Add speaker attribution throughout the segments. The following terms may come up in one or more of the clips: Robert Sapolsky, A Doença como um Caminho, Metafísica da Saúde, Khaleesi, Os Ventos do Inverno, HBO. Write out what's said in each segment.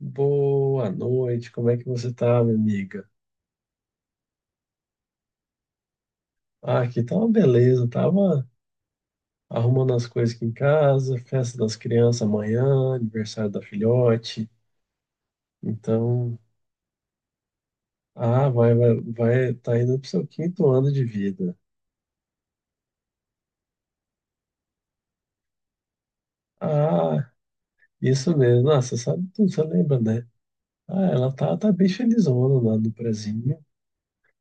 Speaker 1: Boa noite, como é que você tá, minha amiga? Ah, aqui tá uma beleza, tava arrumando as coisas aqui em casa, festa das crianças amanhã, aniversário da filhote. Então, ah, vai, tá indo pro seu quinto ano de vida. Ah, isso mesmo, nossa, você sabe tudo, você lembra, né? Ah, ela tá bem felizona lá no prezinho,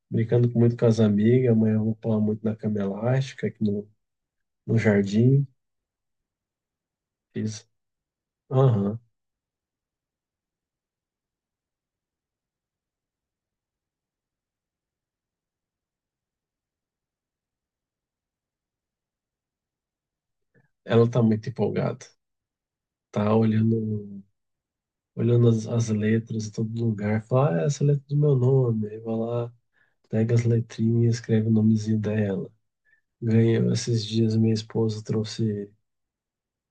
Speaker 1: brincando com muito com as amigas, amanhã eu vou pular muito na cama elástica aqui no, no jardim. Fiz, aham, ela tá muito empolgada. Tá olhando as letras em todo lugar, fala, ah, essa é a letra do meu nome, aí vai lá, pega as letrinhas e escreve o nomezinho dela. Ganhei, esses dias minha esposa trouxe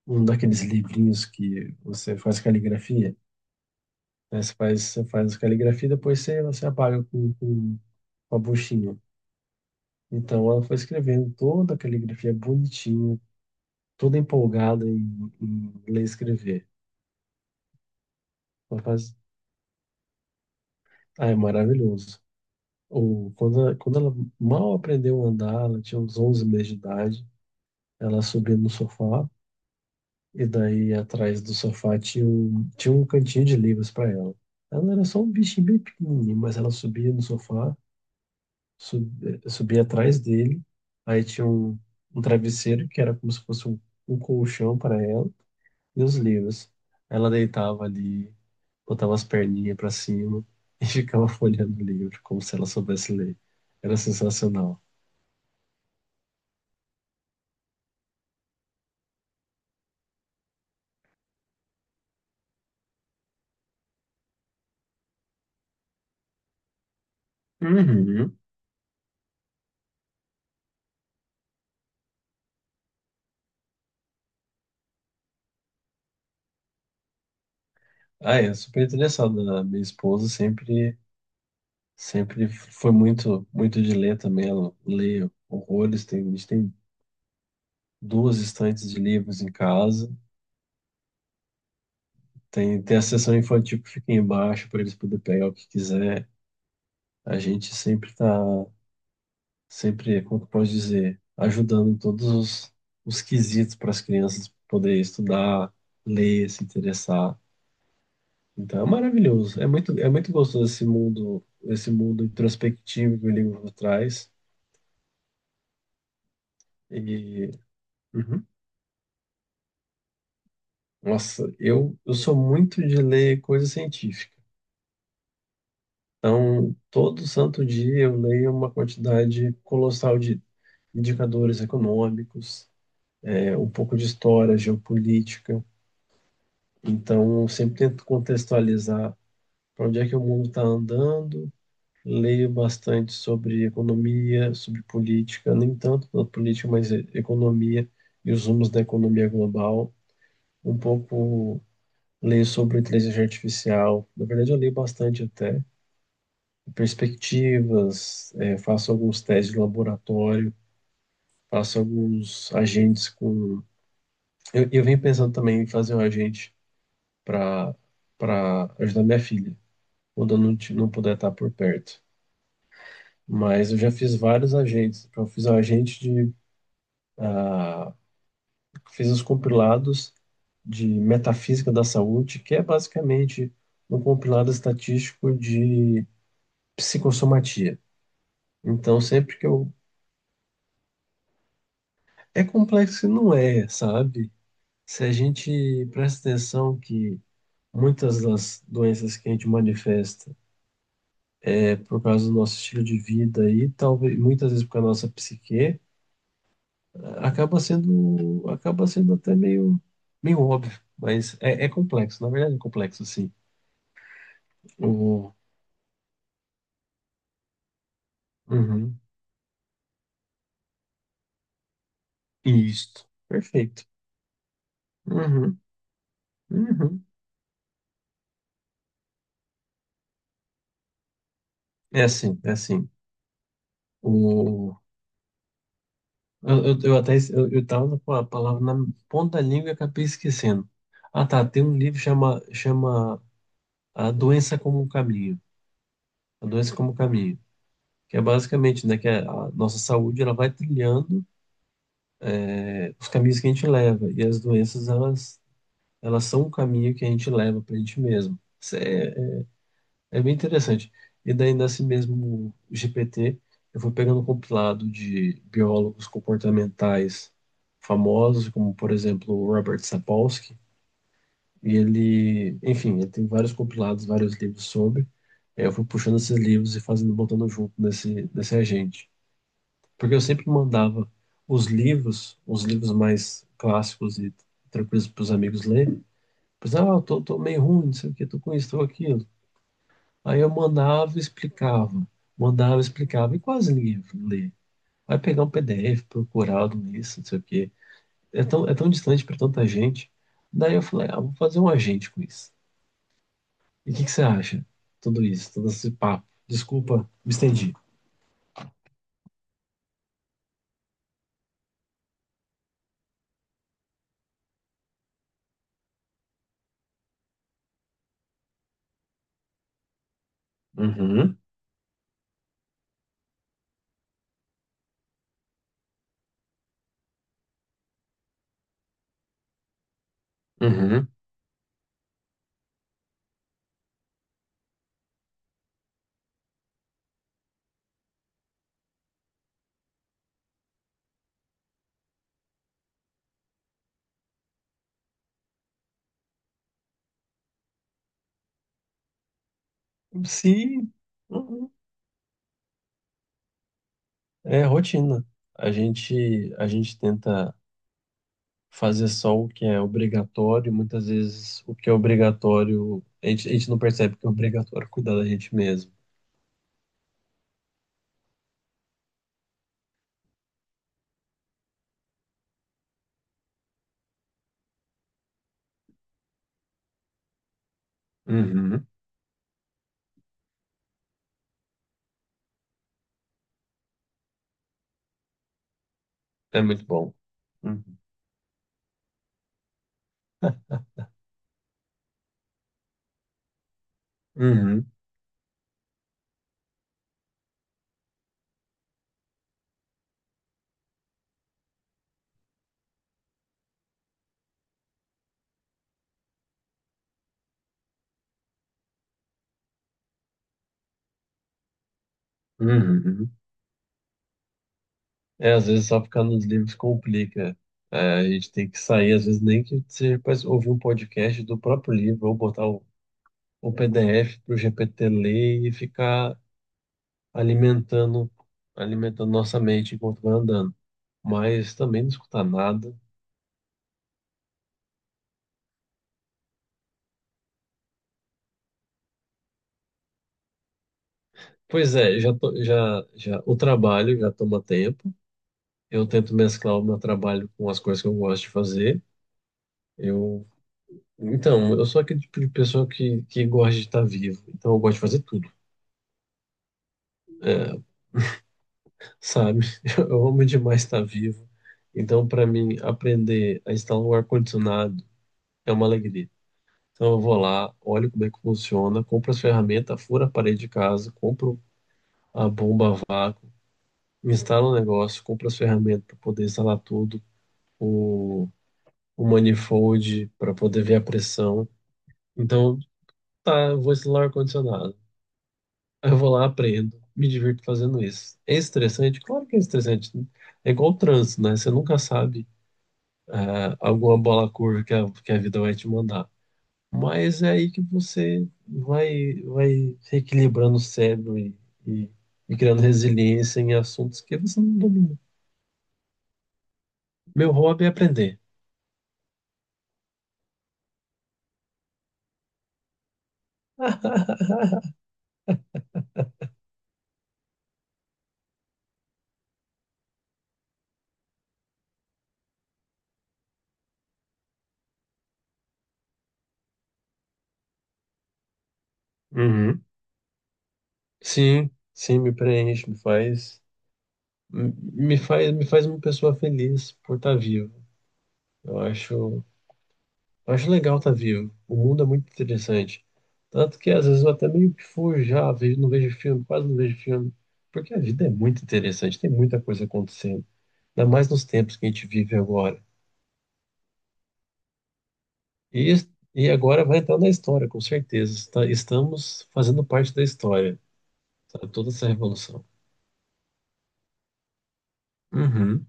Speaker 1: um daqueles livrinhos que você faz caligrafia, né? Você faz caligrafia e depois você apaga com uma buchinha. Então ela foi escrevendo toda a caligrafia bonitinha, toda empolgada em ler e escrever. Ela faz, ah, é maravilhoso. Ou quando ela mal aprendeu a andar, ela tinha uns 11 meses de idade, ela subia no sofá e daí atrás do sofá tinha tinha um cantinho de livros para ela. Ela era só um bichinho bem pequenininho, mas ela subia no sofá, sub, subia atrás dele, aí tinha um travesseiro que era como se fosse um colchão para ela e os livros. Ela deitava ali, botava as perninhas para cima e ficava folheando o livro como se ela soubesse ler. Era sensacional. Uhum. Ah, é super interessado, né? A minha esposa sempre, sempre foi muito de ler também. Ela lê horrores. Tem, a gente tem duas estantes de livros em casa. Tem a seção infantil que fica embaixo para eles poderem pegar o que quiser. A gente sempre está, sempre, Como que eu posso dizer, ajudando em todos os quesitos para as crianças poderem estudar, ler, se interessar. Então é maravilhoso. É muito gostoso esse mundo introspectivo que o livro traz. E, uhum. Nossa, eu sou muito de ler coisa científica. Então, todo santo dia eu leio uma quantidade colossal de indicadores econômicos, é, um pouco de história, geopolítica. Então, eu sempre tento contextualizar para onde é que o mundo está andando. Leio bastante sobre economia, sobre política, nem tanto na política, mas economia e os rumos da economia global. Um pouco leio sobre inteligência artificial. Na verdade, eu leio bastante até perspectivas, eh, faço alguns testes de laboratório, faço alguns agentes com. Eu venho pensando também em fazer um agente para para ajudar minha filha, quando eu não, não puder estar por perto. Mas eu já fiz vários agentes. Eu fiz um agente de ah, fiz os compilados de Metafísica da Saúde, que é basicamente um compilado estatístico de psicossomatia. Então, sempre que eu. É complexo e não é, sabe? Se a gente presta atenção que muitas das doenças que a gente manifesta é por causa do nosso estilo de vida e talvez muitas vezes por causa da nossa psique, acaba sendo até meio óbvio. Mas é, é complexo, na verdade é complexo, sim. O, uhum. Isto. Perfeito. Uhum. Uhum. É assim, é assim. O... eu até es- eu tava com a palavra na ponta da língua e acabei esquecendo. Ah, tá. Tem um livro que chama A Doença como um Caminho. A Doença como um Caminho. Que é basicamente, né, que a nossa saúde ela vai trilhando é, os caminhos que a gente leva. E as doenças, elas são um caminho que a gente leva para a gente mesmo. Isso é é bem interessante. E daí, nesse mesmo GPT, eu fui pegando um compilado de biólogos comportamentais famosos, como, por exemplo, o Robert Sapolsky. E ele, enfim, ele tem vários compilados, vários livros sobre. Aí eu fui puxando esses livros e fazendo, botando nesse agente. Porque eu sempre mandava os livros mais clássicos e tranquilos para os amigos lerem. Pois, ah, eu tô meio ruim, não sei o que, tô com isso, tô com aquilo. Aí eu mandava e explicava, e quase ninguém lê. Vai pegar um PDF procurado nisso, não sei o quê. É tão distante para tanta gente. Daí eu falei, ah, vou fazer um agente com isso. E o que que você acha? Tudo isso, todo esse papo. Desculpa, me estendi. Uhum, uhum. Sim, uhum. É rotina. A gente tenta fazer só o que é obrigatório, e muitas vezes o que é obrigatório, a gente não percebe que é obrigatório cuidar da gente mesmo. Uhum. É muito bom. Uhum. Uhum. Uhum. É, às vezes só ficar nos livros complica. É, a gente tem que sair, às vezes nem que seja para ouvir um podcast do próprio livro, ou botar o PDF para o GPT ler e ficar alimentando, alimentando nossa mente enquanto vai andando. Mas também não escutar nada. Pois é, já, já o trabalho já toma tempo. Eu tento mesclar o meu trabalho com as coisas que eu gosto de fazer. Eu então, eu sou aquele tipo de pessoa que gosta de estar vivo. Então, eu gosto de fazer tudo, é, sabe? Eu amo demais estar vivo. Então, para mim, aprender a instalar um ar-condicionado é uma alegria. Então, eu vou lá, olho como é que funciona, compro as ferramentas, furo a parede de casa, compro a bomba a vácuo, instalo o negócio, compro as ferramentas para poder instalar tudo, o, o manifold para poder ver a pressão. Então, tá, eu vou instalar o ar-condicionado. Eu vou lá, aprendo, me divirto fazendo isso. É estressante? Claro que é estressante. É igual o trânsito, né? Você nunca sabe ah, alguma bola curva que que a vida vai te mandar. Mas é aí que você vai reequilibrando o cérebro e, e criando resiliência em assuntos que você não domina. Meu hobby é aprender. Uhum. Sim, sim, me preenche, me faz uma pessoa feliz por estar vivo. Eu acho, eu acho legal tá vivo. O mundo é muito interessante. Tanto que às vezes eu até meio que fujo já, vejo, não vejo filme, quase não vejo filme. Porque a vida é muito interessante, tem muita coisa acontecendo. Ainda mais nos tempos que a gente vive agora. E, es- e agora vai entrar na história, com certeza. Estamos fazendo parte da história, sabe? Toda essa revolução. Uhum.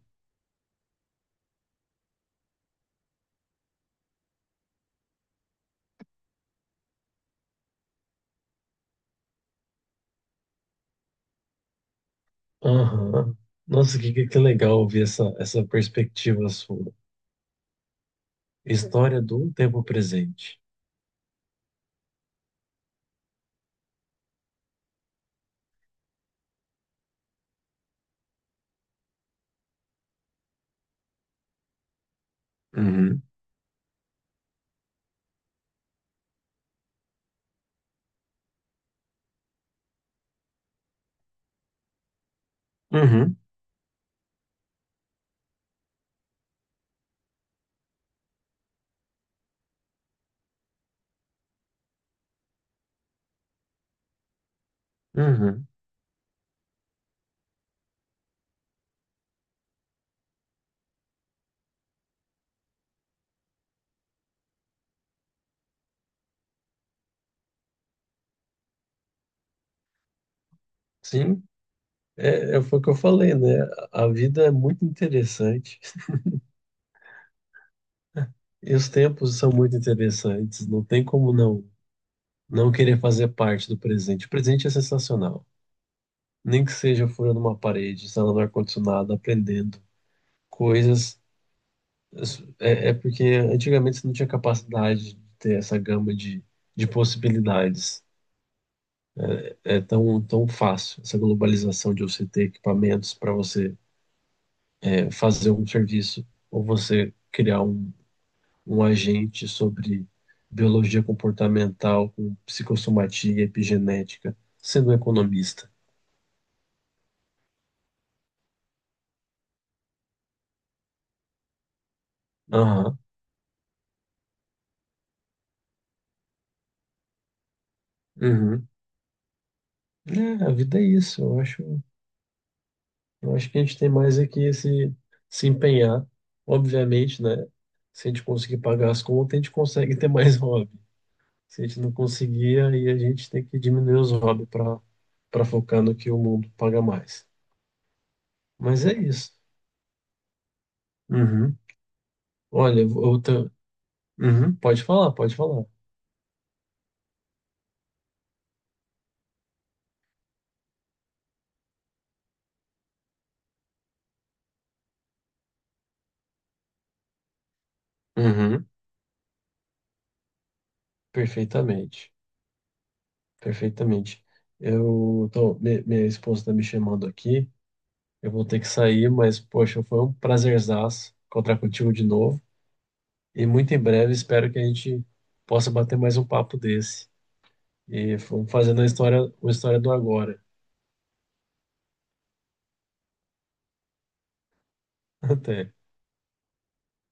Speaker 1: Aham. Nossa, que legal ouvir essa perspectiva sua. História do tempo presente. Uhum. Uhum. Uhum. Sim. É, é, foi o que eu falei, né? A vida é muito interessante e os tempos são muito interessantes. Não tem como não querer fazer parte do presente. O presente é sensacional. Nem que seja furando uma parede, instalando ar-condicionado, aprendendo coisas. É, é porque antigamente você não tinha capacidade de ter essa gama de possibilidades. É tão, tão fácil essa globalização de você ter equipamentos para você é, fazer um serviço ou você criar um um agente sobre biologia comportamental com psicossomatia e epigenética, sendo um economista. Aham. Uhum. É, a vida é isso. Eu acho que a gente tem mais aqui esse se empenhar. Obviamente, né? Se a gente conseguir pagar as contas, a gente consegue ter mais hobby. Se a gente não conseguir, aí a gente tem que diminuir os hobbies para focar no que o mundo paga mais. Mas é isso. Uhum. Olha, eu vou- eu tô- uhum. Pode falar, pode falar. Uhum. Perfeitamente, perfeitamente. Eu tô, minha esposa está me chamando aqui. Eu vou ter que sair, mas poxa, foi um prazerzaço encontrar contigo de novo. E muito em breve espero que a gente possa bater mais um papo desse. E vamos fazendo a história, uma história do agora. Até.